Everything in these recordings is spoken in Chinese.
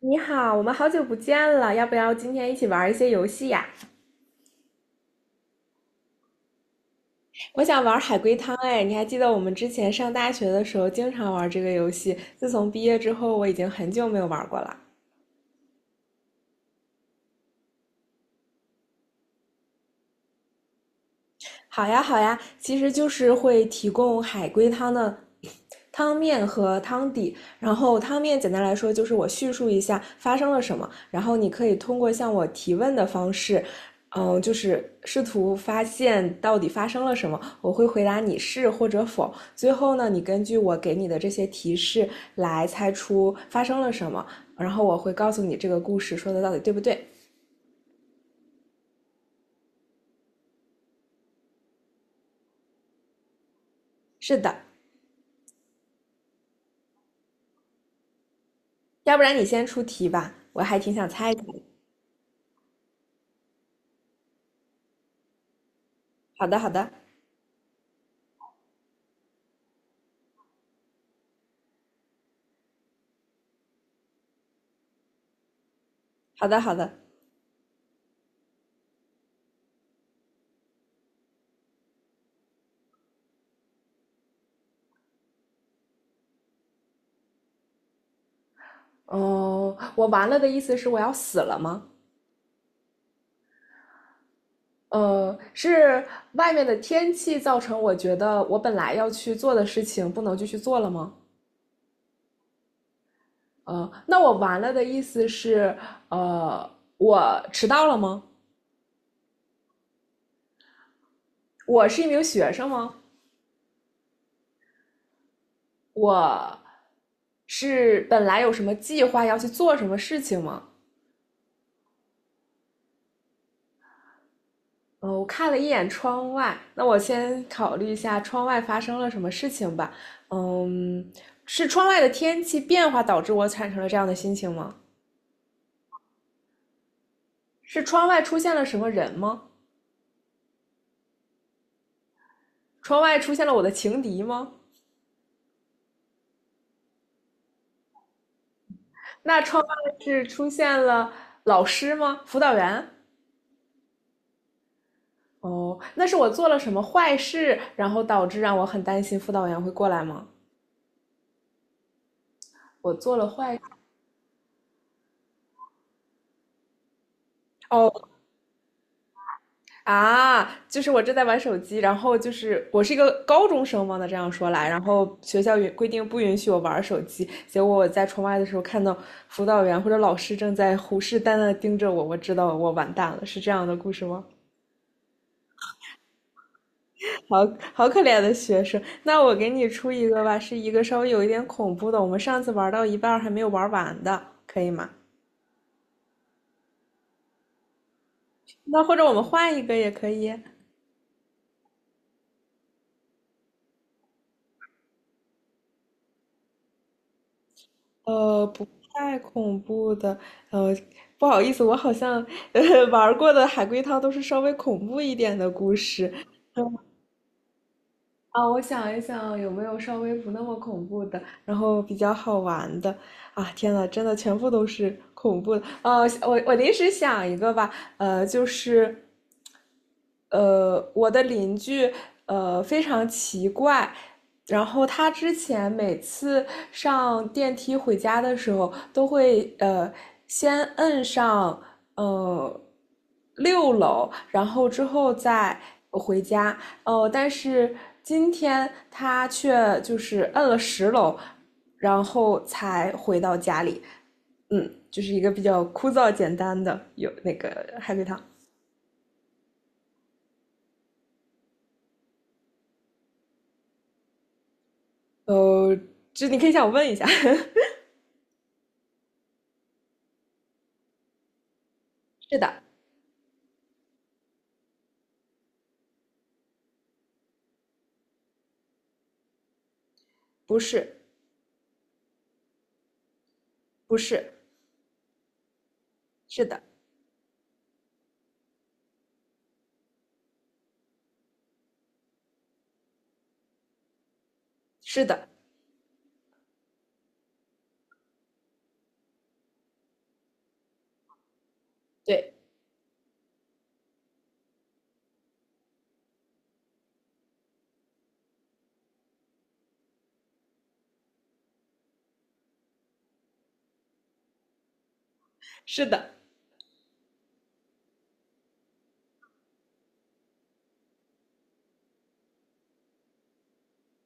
你好，我们好久不见了，要不要今天一起玩一些游戏呀？我想玩海龟汤，哎，你还记得我们之前上大学的时候经常玩这个游戏？自从毕业之后，我已经很久没有玩过了。好呀，好呀，其实就是会提供海龟汤的汤面和汤底。然后汤面简单来说就是我叙述一下发生了什么，然后你可以通过向我提问的方式，嗯，就是试图发现到底发生了什么。我会回答你是或者否。最后呢，你根据我给你的这些提示来猜出发生了什么，然后我会告诉你这个故事说的到底对不对。是的，要不然你先出题吧，我还挺想猜一猜。好的，好的。好的，好的。哦，我完了的意思是我要死了吗？是外面的天气造成我觉得我本来要去做的事情不能继续做了吗？那我完了的意思是，呃，我迟到了吗？我是一名学生吗？我是本来有什么计划要去做什么事情吗？哦，我看了一眼窗外，那我先考虑一下窗外发生了什么事情吧。嗯，是窗外的天气变化导致我产生了这样的心情吗？是窗外出现了什么人吗？窗外出现了我的情敌吗？那窗外是出现了老师吗？辅导员？哦，那是我做了什么坏事，然后导致让我很担心辅导员会过来吗？我做了坏，哦。事。哦啊，就是我正在玩手机，然后就是我是一个高中生嘛，那这样说来，然后学校允规定不允许我玩手机，结果我在窗外的时候看到辅导员或者老师正在虎视眈眈地盯着我，我知道我完蛋了，是这样的故事吗？好好可怜的学生，那我给你出一个吧，是一个稍微有一点恐怖的，我们上次玩到一半儿还没有玩完的，可以吗？那或者我们换一个也可以。不太恐怖的，呃，不好意思，我好像呃玩儿过的海龟汤都是稍微恐怖一点的故事。嗯啊，我想一想有没有稍微不那么恐怖的，然后比较好玩的。啊，天呐，真的全部都是恐怖的。我临时想一个吧，就是我的邻居非常奇怪，然后他之前每次上电梯回家的时候，都会先摁上呃六楼，然后之后再回家。哦，但是今天他却就是摁了十楼，然后才回到家里。嗯，就是一个比较枯燥简单的有那个海龟汤。呃，这你可以向我问一下。是的，不是，不是，是的，是的，对，是的，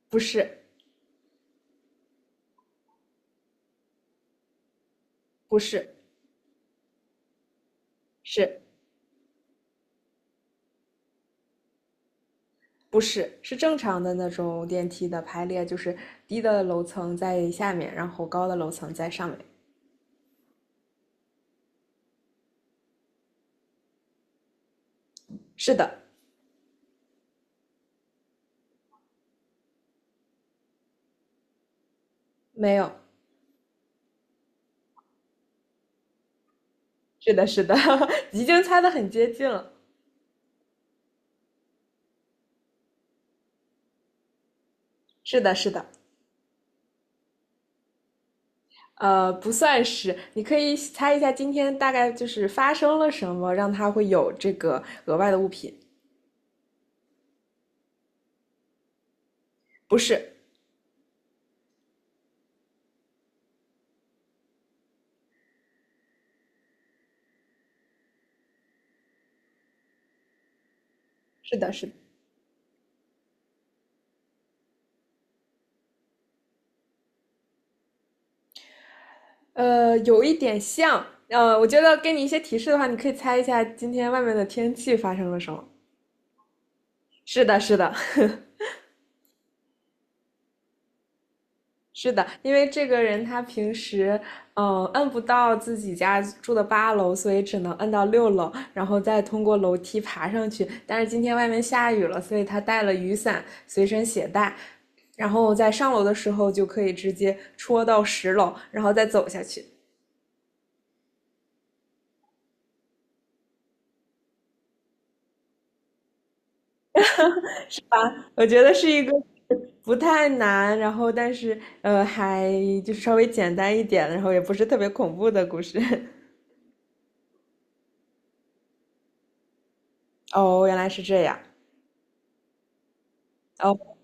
不是，不是，是。不是，是正常的那种电梯的排列，就是低的楼层在下面，然后高的楼层在上面。是的，没有，是的，是的，已经猜的很接近了。是的，是的，不算是，你可以猜一下今天大概就是发生了什么，让它会有这个额外的物品。不是，是的，是的。有一点像，我觉得给你一些提示的话，你可以猜一下今天外面的天气发生了什么。是的，是的，是的，因为这个人他平时，嗯、摁不到自己家住的8楼，所以只能摁到六楼，然后再通过楼梯爬上去。但是今天外面下雨了，所以他带了雨伞随身携带，然后在上楼的时候就可以直接戳到十楼，然后再走下去。我觉得是一个不太难，然后但是还就是稍微简单一点，然后也不是特别恐怖的故事。哦，原来是这样。哦，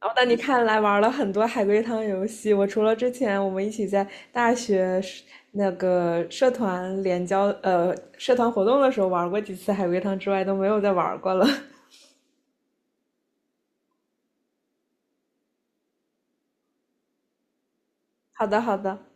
哦，那你看来玩了很多海龟汤游戏。我除了之前我们一起在大学社那个社团联交社团活动的时候玩过几次海龟汤之外，都没有再玩过了。好的，好的。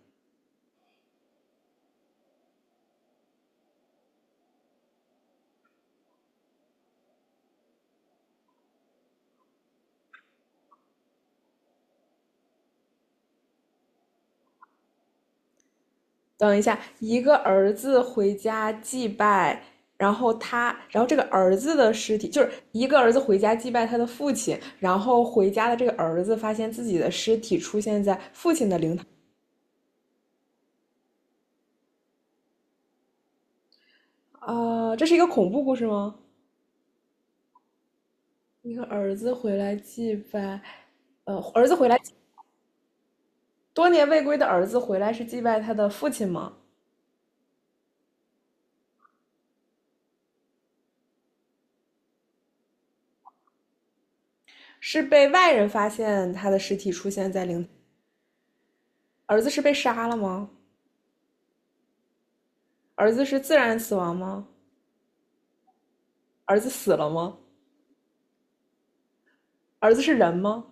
等一下，一个儿子回家祭拜，然后他，然后这个儿子的尸体，就是一个儿子回家祭拜他的父亲，然后回家的这个儿子发现自己的尸体出现在父亲的灵堂。啊、这是一个恐怖故事吗？一个儿子回来祭拜，儿子回来，多年未归的儿子回来是祭拜他的父亲吗？是被外人发现他的尸体出现在灵堂，儿子是被杀了吗？儿子是自然死亡吗？儿子死了吗？儿子是人吗？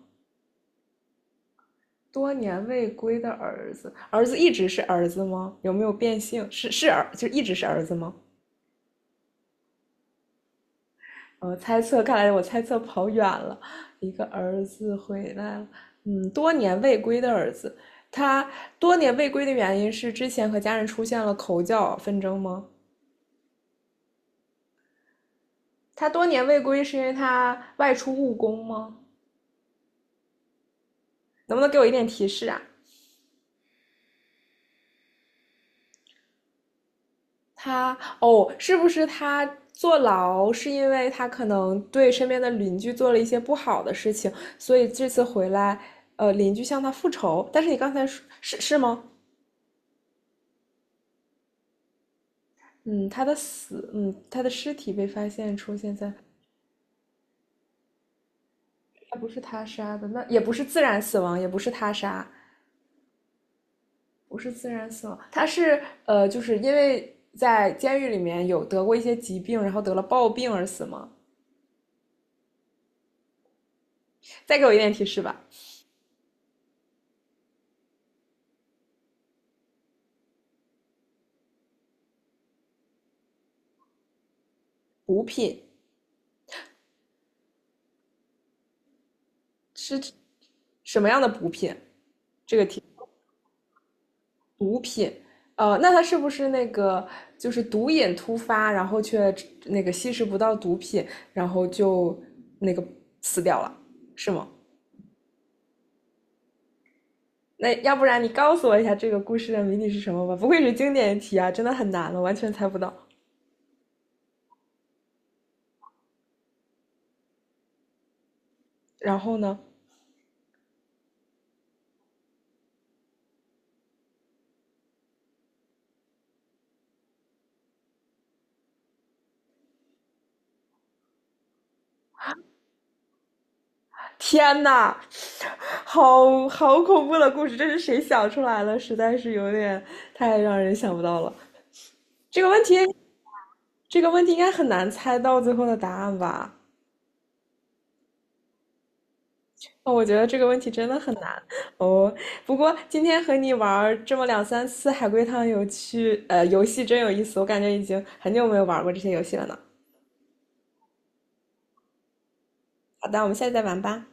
多年未归的儿子，儿子一直是儿子吗？有没有变性？是是儿，就一直是儿子吗？猜测，看来我猜测跑远了。一个儿子回来了，嗯，多年未归的儿子，他多年未归的原因是之前和家人出现了口角纷争吗？他多年未归是因为他外出务工吗？能不能给我一点提示啊？他哦，是不是他坐牢是因为他可能对身边的邻居做了一些不好的事情，所以这次回来，邻居向他复仇。但是你刚才说是是吗？嗯，他的死，嗯，他的尸体被发现出现在，他不是他杀的，那也不是自然死亡，也不是他杀，不是自然死亡，他是就是因为在监狱里面有得过一些疾病，然后得了暴病而死吗？再给我一点提示吧。补品是什么样的补品？这个题，毒品，那他是不是那个就是毒瘾突发，然后却那个吸食不到毒品，然后就那个死掉了，是吗？那要不然你告诉我一下这个故事的谜底是什么吧？不愧是经典题啊，真的很难了，完全猜不到。然后呢？天呐，好好恐怖的故事，这是谁想出来了？实在是有点太让人想不到了。这个问题，这个问题应该很难猜到最后的答案吧？哦，我觉得这个问题真的很难哦。不过今天和你玩儿这么两三次海龟汤有趣，游戏真有意思，我感觉已经很久没有玩过这些游戏了呢。好的，我们下次再玩吧。